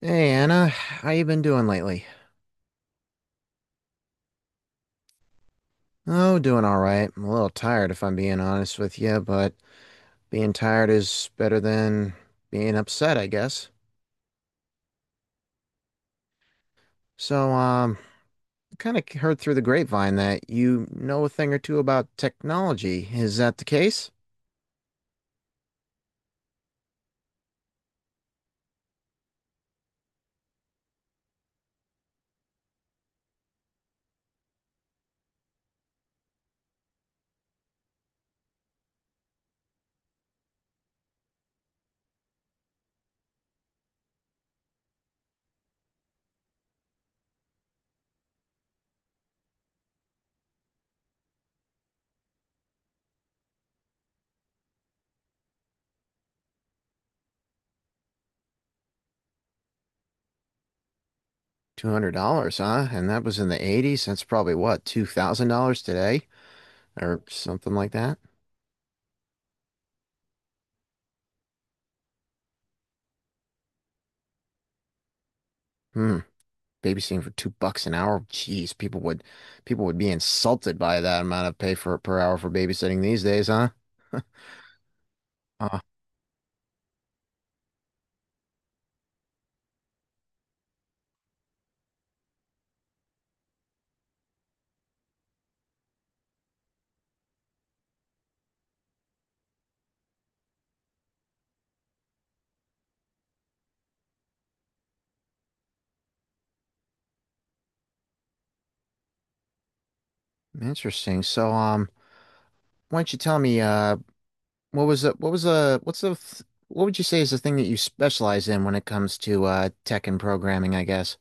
Hey Anna, how you been doing lately? Oh, doing all right. I'm a little tired if I'm being honest with you, but being tired is better than being upset, I guess. So, I kind of heard through the grapevine that you know a thing or two about technology. Is that the case? $200, huh? And that was in the 80s. That's probably what, $2,000 today or something like that? Hmm. Babysitting for 2 bucks an hour. Jeez, people would be insulted by that amount of pay for per hour for babysitting these days, huh? Uh, interesting. So, why don't you tell me, what was the, what's the, th what would you say is the thing that you specialize in when it comes to, tech and programming, I guess?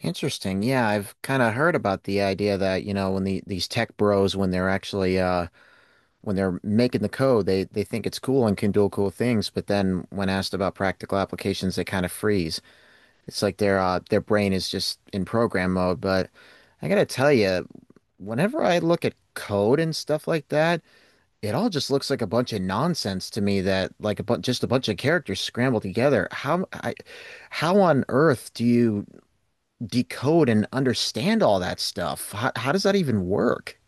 Interesting. Yeah, I've kind of heard about the idea that, you know, when the, these tech bros, when they're actually, when they're making the code, they think it's cool and can do cool things, but then when asked about practical applications, they kind of freeze. It's like their brain is just in program mode. But I gotta tell you, whenever I look at code and stuff like that, it all just looks like a bunch of nonsense to me. That like a bu just a bunch of characters scrambled together. How I, how on earth do you decode and understand all that stuff? How does that even work?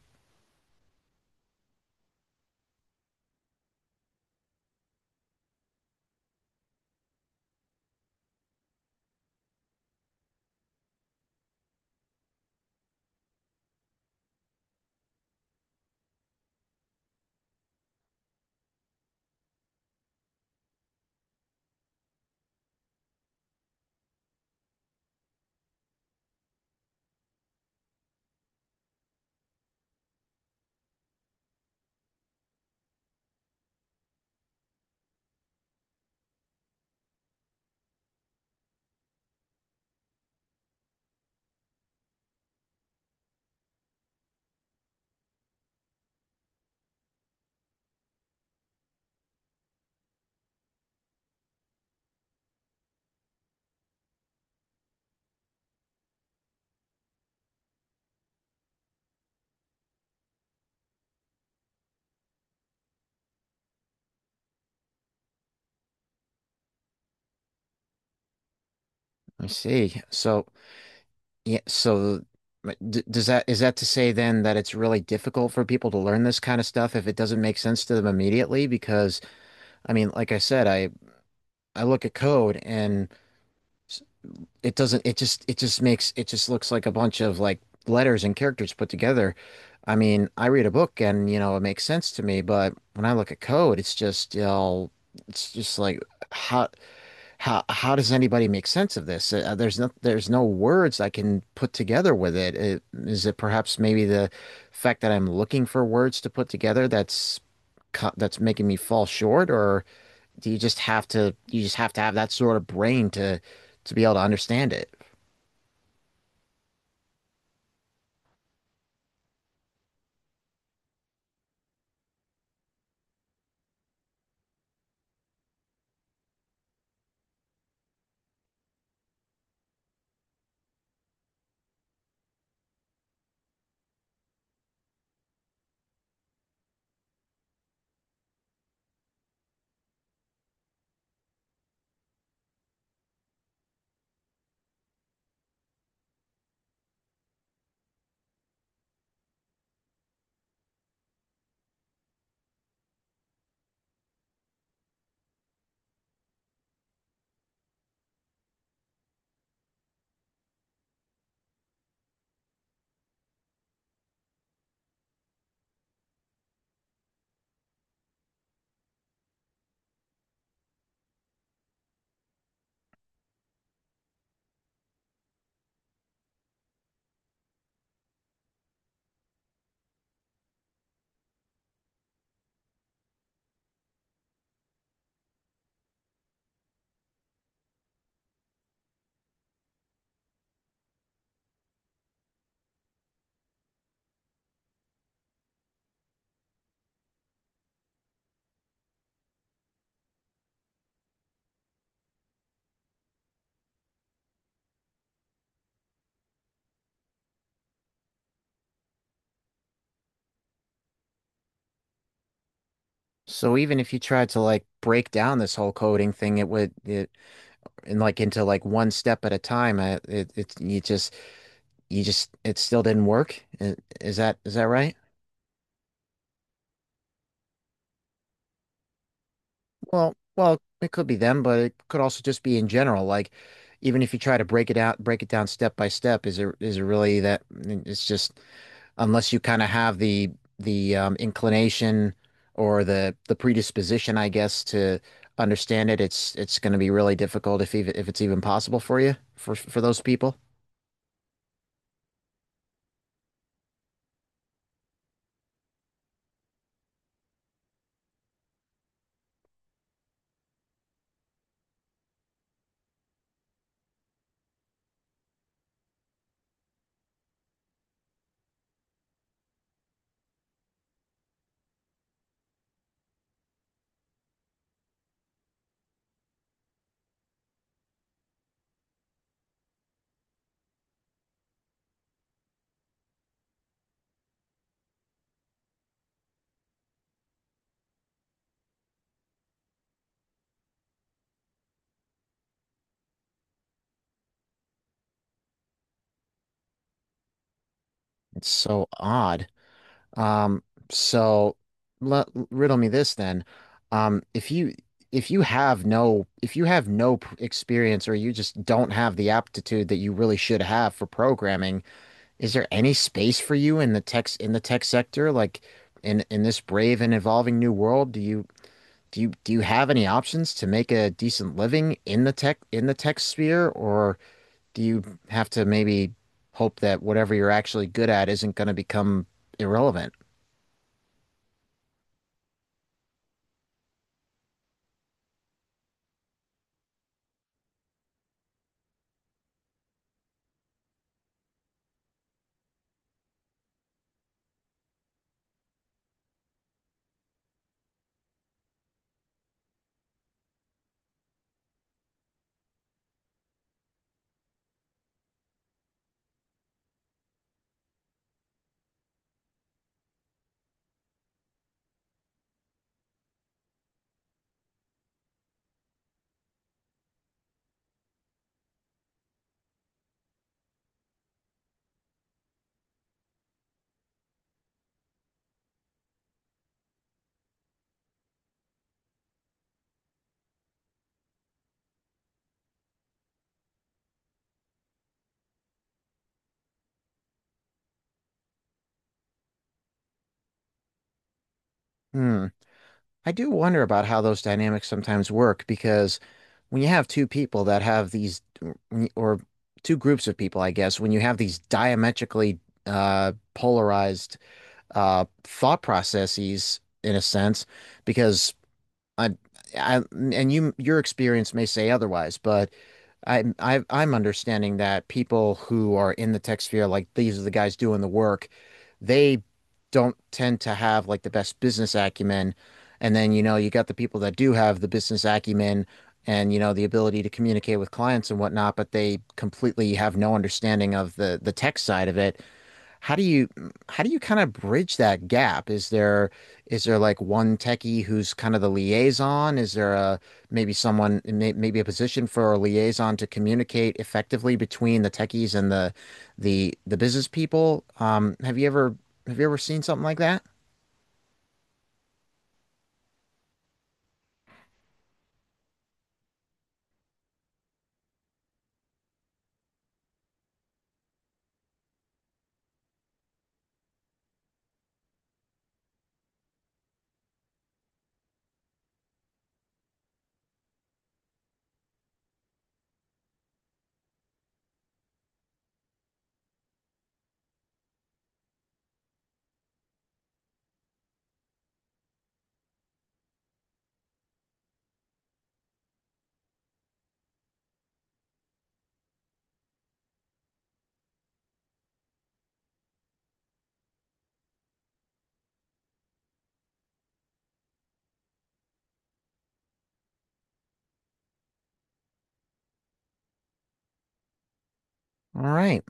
I see. So. Yeah, so but d does that is that to say then that it's really difficult for people to learn this kind of stuff if it doesn't make sense to them immediately? Because I mean, like I said, I look at code and s- it doesn't it just makes it just looks like a bunch of like letters and characters put together. I mean, I read a book and you know it makes sense to me, but when I look at code, it's just you know it's just like how how does anybody make sense of this? There's no words I can put together with it. Is it perhaps maybe the fact that I'm looking for words to put together that's that's making me fall short, or do you just have to you just have to have that sort of brain to be able to understand it? So even if you tried to like break down this whole coding thing, it would it and like into like one step at a time. It it you just it still didn't work. Is that is that right? Well, well, it could be them, but it could also just be in general. Like, even if you try to break it out, break it down step by step, is it really that? It's just unless you kind of have the inclination or the predisposition, I guess, to understand it. It's going to be really difficult if even if it's even possible for you for those people. It's so odd. Um, so let, riddle me this then. Um, if you if you have no if you have no experience or you just don't have the aptitude that you really should have for programming, is there any space for you in the tech sector? Like in this brave and evolving new world, do you do you do you have any options to make a decent living in the tech sphere, or do you have to maybe hope that whatever you're actually good at isn't going to become irrelevant? Hmm. I do wonder about how those dynamics sometimes work because when you have two people that have these, or two groups of people, I guess, when you have these diametrically polarized thought processes, in a sense, because I, I, and you, your experience may say otherwise, but I, I'm understanding that people who are in the tech sphere, like these are the guys doing the work, they don't tend to have like the best business acumen. And then, you know, you got the people that do have the business acumen and, you know, the ability to communicate with clients and whatnot, but they completely have no understanding of the tech side of it. How do you how do you kind of bridge that gap? Is there like one techie who's kind of the liaison? Is there a maybe someone maybe a position for a liaison to communicate effectively between the techies and the business people? Have you ever seen something like that? All right.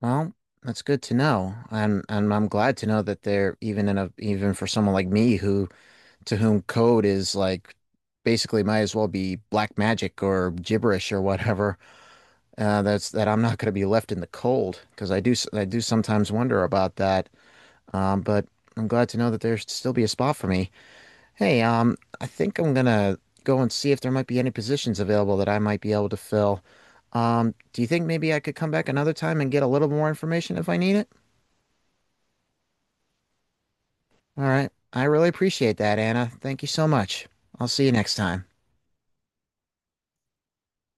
Well, that's good to know. And I'm glad to know that they're even in a even for someone like me who to whom code is like basically might as well be black magic or gibberish or whatever. That's that I'm not going to be left in the cold because I do sometimes wonder about that. But I'm glad to know that there's still be a spot for me. Hey, I think I'm gonna go and see if there might be any positions available that I might be able to fill. Do you think maybe I could come back another time and get a little more information if I need it? All right. I really appreciate that, Anna. Thank you so much. I'll see you next time.